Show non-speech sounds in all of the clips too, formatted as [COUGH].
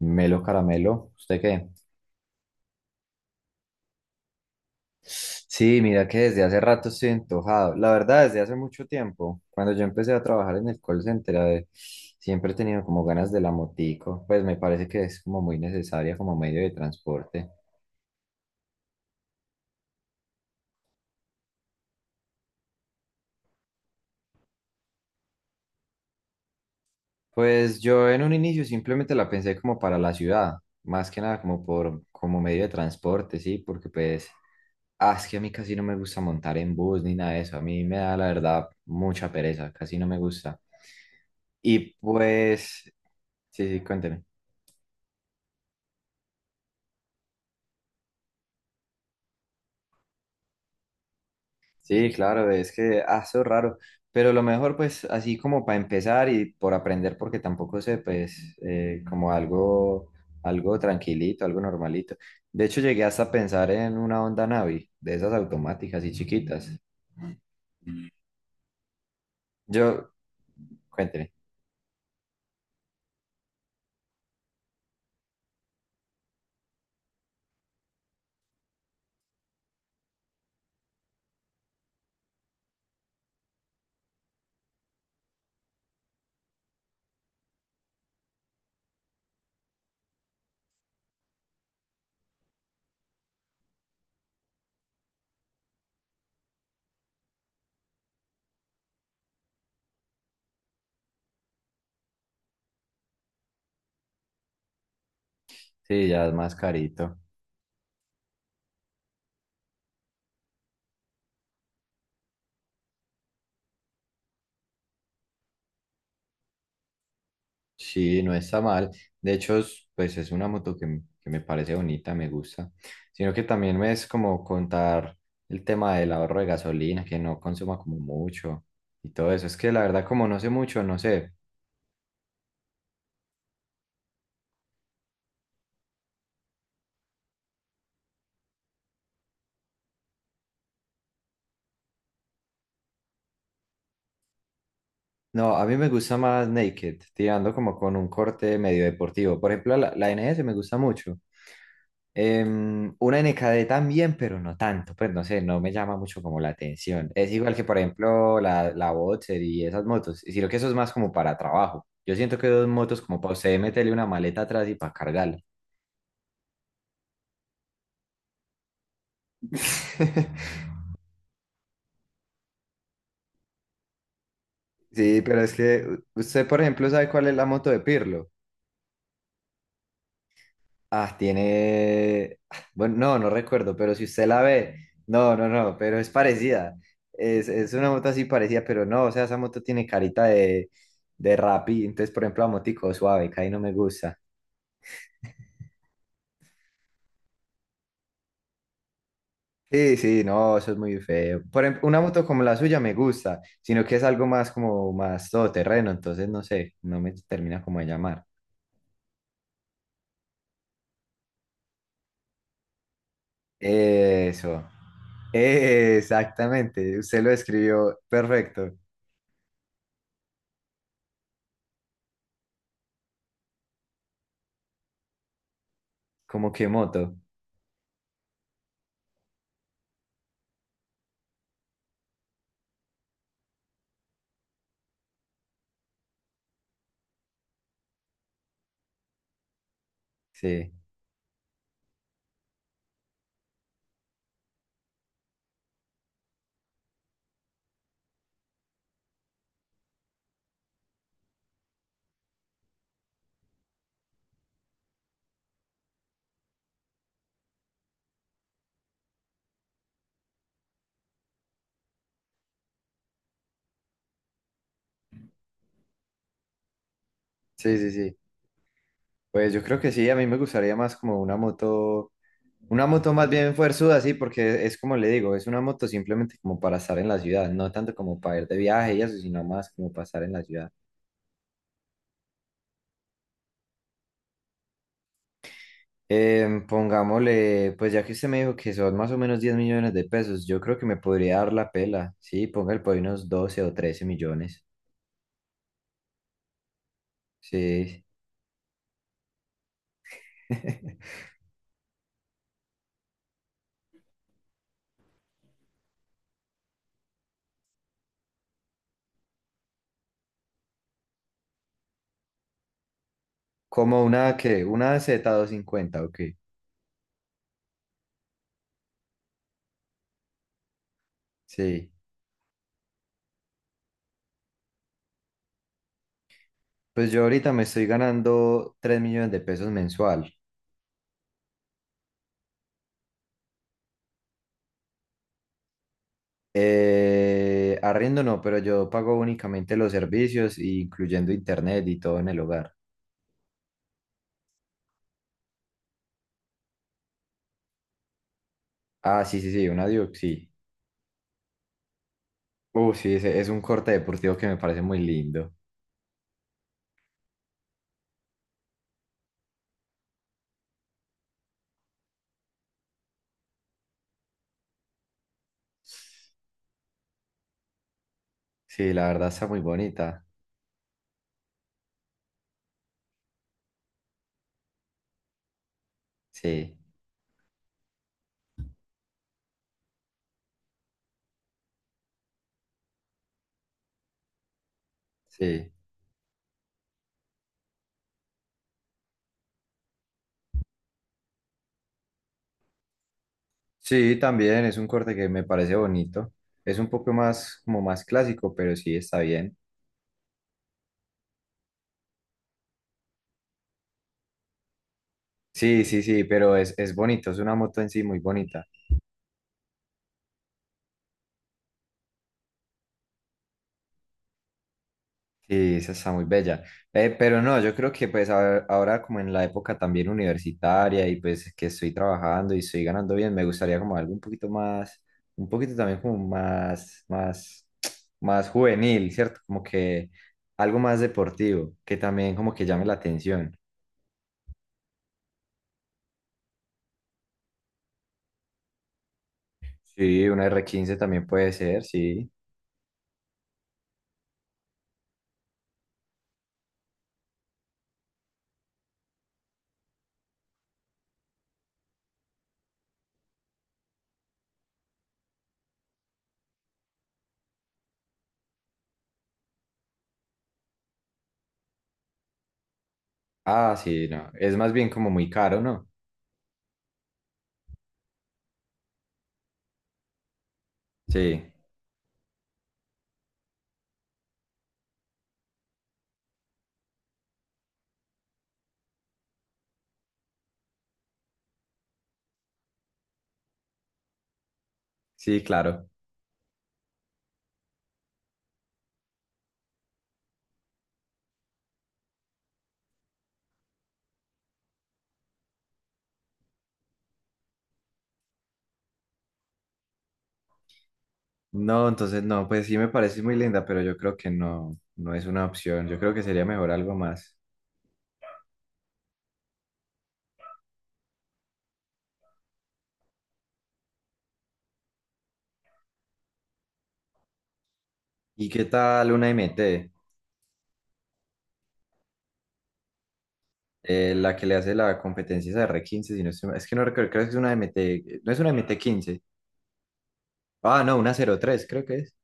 Melo caramelo, ¿usted qué? Sí, mira que desde hace rato estoy antojado. La verdad, desde hace mucho tiempo, cuando yo empecé a trabajar en el call center, a ver, siempre he tenido como ganas de la motico, pues me parece que es como muy necesaria como medio de transporte. Pues yo en un inicio simplemente la pensé como para la ciudad, más que nada como por como medio de transporte, sí, porque pues es que a mí casi no me gusta montar en bus ni nada de eso, a mí me da la verdad mucha pereza, casi no me gusta. Y pues. Sí, sí, cuénteme. Sí, claro, es que, eso es raro, pero lo mejor pues así como para empezar y por aprender, porque tampoco sé, pues como algo, algo tranquilito, algo normalito. De hecho, llegué hasta a pensar en una Honda Navi, de esas automáticas y chiquitas. Yo, cuénteme. Sí, ya es más carito. Sí, no está mal. De hecho, pues es una moto que, que me parece bonita, me gusta. Sino que también es como contar el tema del ahorro de gasolina, que no consuma como mucho y todo eso. Es que la verdad, como no sé mucho, no sé. No, a mí me gusta más naked, tirando como con un corte medio deportivo. Por ejemplo, la NS me gusta mucho. Una NKD también, pero no tanto, pues no sé, no me llama mucho como la atención. Es igual que, por ejemplo, la Boxer y esas motos, y sino que eso es más como para trabajo. Yo siento que dos motos como para usted meterle una maleta atrás y para cargarla. [LAUGHS] Sí, pero es que usted, por ejemplo, sabe cuál es la moto de Pirlo. Ah, tiene. [SIGHS] Bueno, no, no recuerdo, pero si usted la ve, no, no, no, pero es parecida. Es una moto así parecida, pero no, o sea, esa moto tiene carita de Rappi. Entonces, por ejemplo, la motico suave, que ahí no me gusta. Sí, sí, no, eso es muy feo. Por ejemplo, una moto como la suya me gusta, sino que es algo más como más todoterreno, entonces no sé, no me termina como de llamar. Eso, [LAUGHS] exactamente, usted lo escribió perfecto, como que moto, sí, sí, sí, sí. Pues yo creo que sí, a mí me gustaría más como una moto más bien fuerzuda, sí, porque es como le digo, es una moto simplemente como para estar en la ciudad, no tanto como para ir de viaje y eso, sino más como para estar en la ciudad. Pongámosle, pues ya que usted me dijo que son más o menos 10 millones de pesos, yo creo que me podría dar la pela, sí, póngale por ahí unos 12 o 13 millones, sí. [LAUGHS] Como una Z250, 250, ok, sí. Pues yo ahorita me estoy ganando 3 millones de pesos mensual. Arriendo no, pero yo pago únicamente los servicios, incluyendo internet y todo en el hogar. Ah, sí, sí, sí, una Duke, sí. Sí, ese es un corte deportivo que me parece muy lindo. Sí, la verdad está muy bonita. Sí, sí. Sí, también es un corte que me parece bonito. Es un poco más, como más clásico, pero sí está bien. Sí, sí, sí, pero es bonito, es una moto en sí muy bonita. Sí, esa está muy bella. Pero no, yo creo que pues ahora como en la época también universitaria y pues que estoy trabajando y estoy ganando bien, me gustaría como algo un poquito más, un poquito también como [TSK] más juvenil, ¿cierto? Como que algo más deportivo, que también como que llame la atención. Sí, una R15 también puede ser, sí. Ah, sí, no. Es más bien como muy caro, ¿no? Sí, sí, claro. No, entonces no, pues sí me parece muy linda, pero yo creo que no, no es una opción. Yo creo que sería mejor algo más. ¿Y qué tal una MT? La que le hace la competencia esa R15, si no estoy mal. Es que no recuerdo, creo que es una MT, no es una MT15. Ah, no, una 03, creo que es.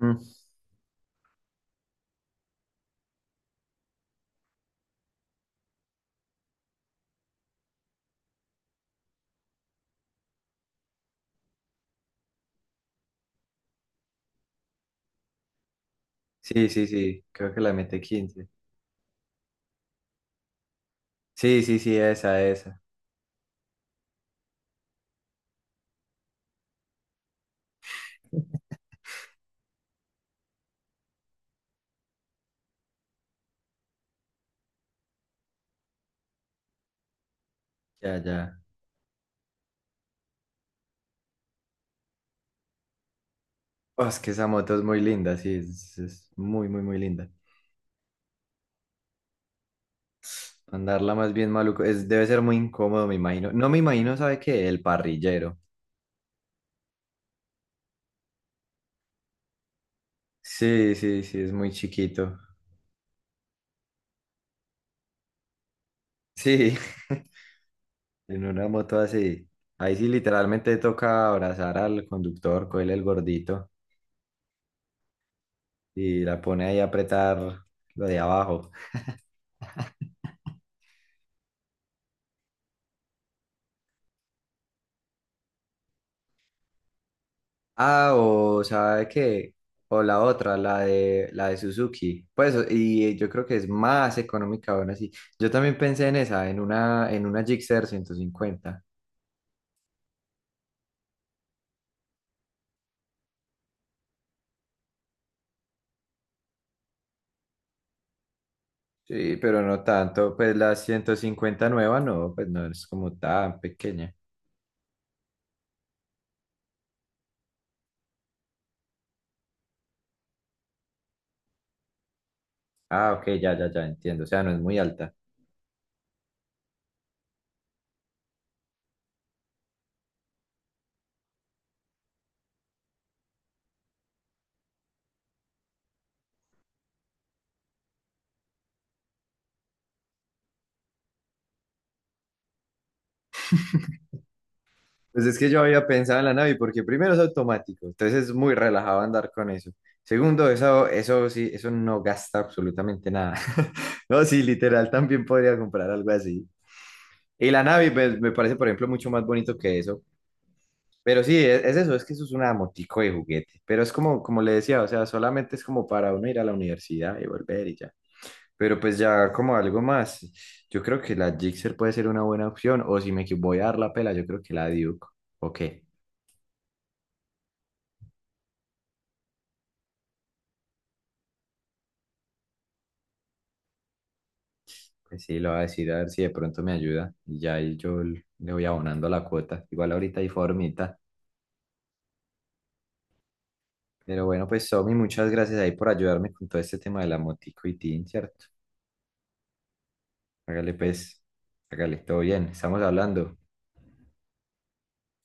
Mm. Sí, sí, sí, creo que la MT15. Sí, sí, sí, esa, esa. [LAUGHS] Ya, ya. Oh, es que esa moto es muy linda, sí, es muy, muy, muy linda. Andarla más bien maluco, debe ser muy incómodo, me imagino. No me imagino, ¿sabe qué? El parrillero. Sí, sí, sí, es muy chiquito. Sí, [LAUGHS] en una moto así. Ahí sí literalmente toca abrazar al conductor, cogerle el gordito y la pone ahí a apretar lo de abajo. [LAUGHS] Ah, o ¿sabe qué? O la otra, la de Suzuki. Pues y yo creo que es más económica aún así. Yo también pensé en esa, en una Gixxer 150. Sí, pero no tanto, pues la 150 nueva no, pues no es como tan pequeña. Ah, ok, ya, ya, ya, entiendo. O sea, no es muy alta. Pues es que yo había pensado en la Navi porque primero es automático, entonces es muy relajado andar con eso. Segundo, eso sí, eso no gasta absolutamente nada. [LAUGHS] No, sí, literal, también podría comprar algo así. Y la Navi pues, me parece, por ejemplo, mucho más bonito que eso. Pero sí, es eso, es que eso es una motico de juguete. Pero es como le decía, o sea, solamente es como para uno ir a la universidad y volver y ya. Pero pues ya como algo más, yo creo que la Gixxer puede ser una buena opción, o si me voy a dar la pela, yo creo que la Duke, o qué, pues sí, lo voy a decir a ver si de pronto me ayuda, y ya ahí yo le voy abonando la cuota, igual ahorita hay formita, pero bueno, pues Somi, muchas gracias ahí por ayudarme con todo este tema de la motico y tin, ¿cierto? Hágale pues, hágale, todo bien, estamos hablando.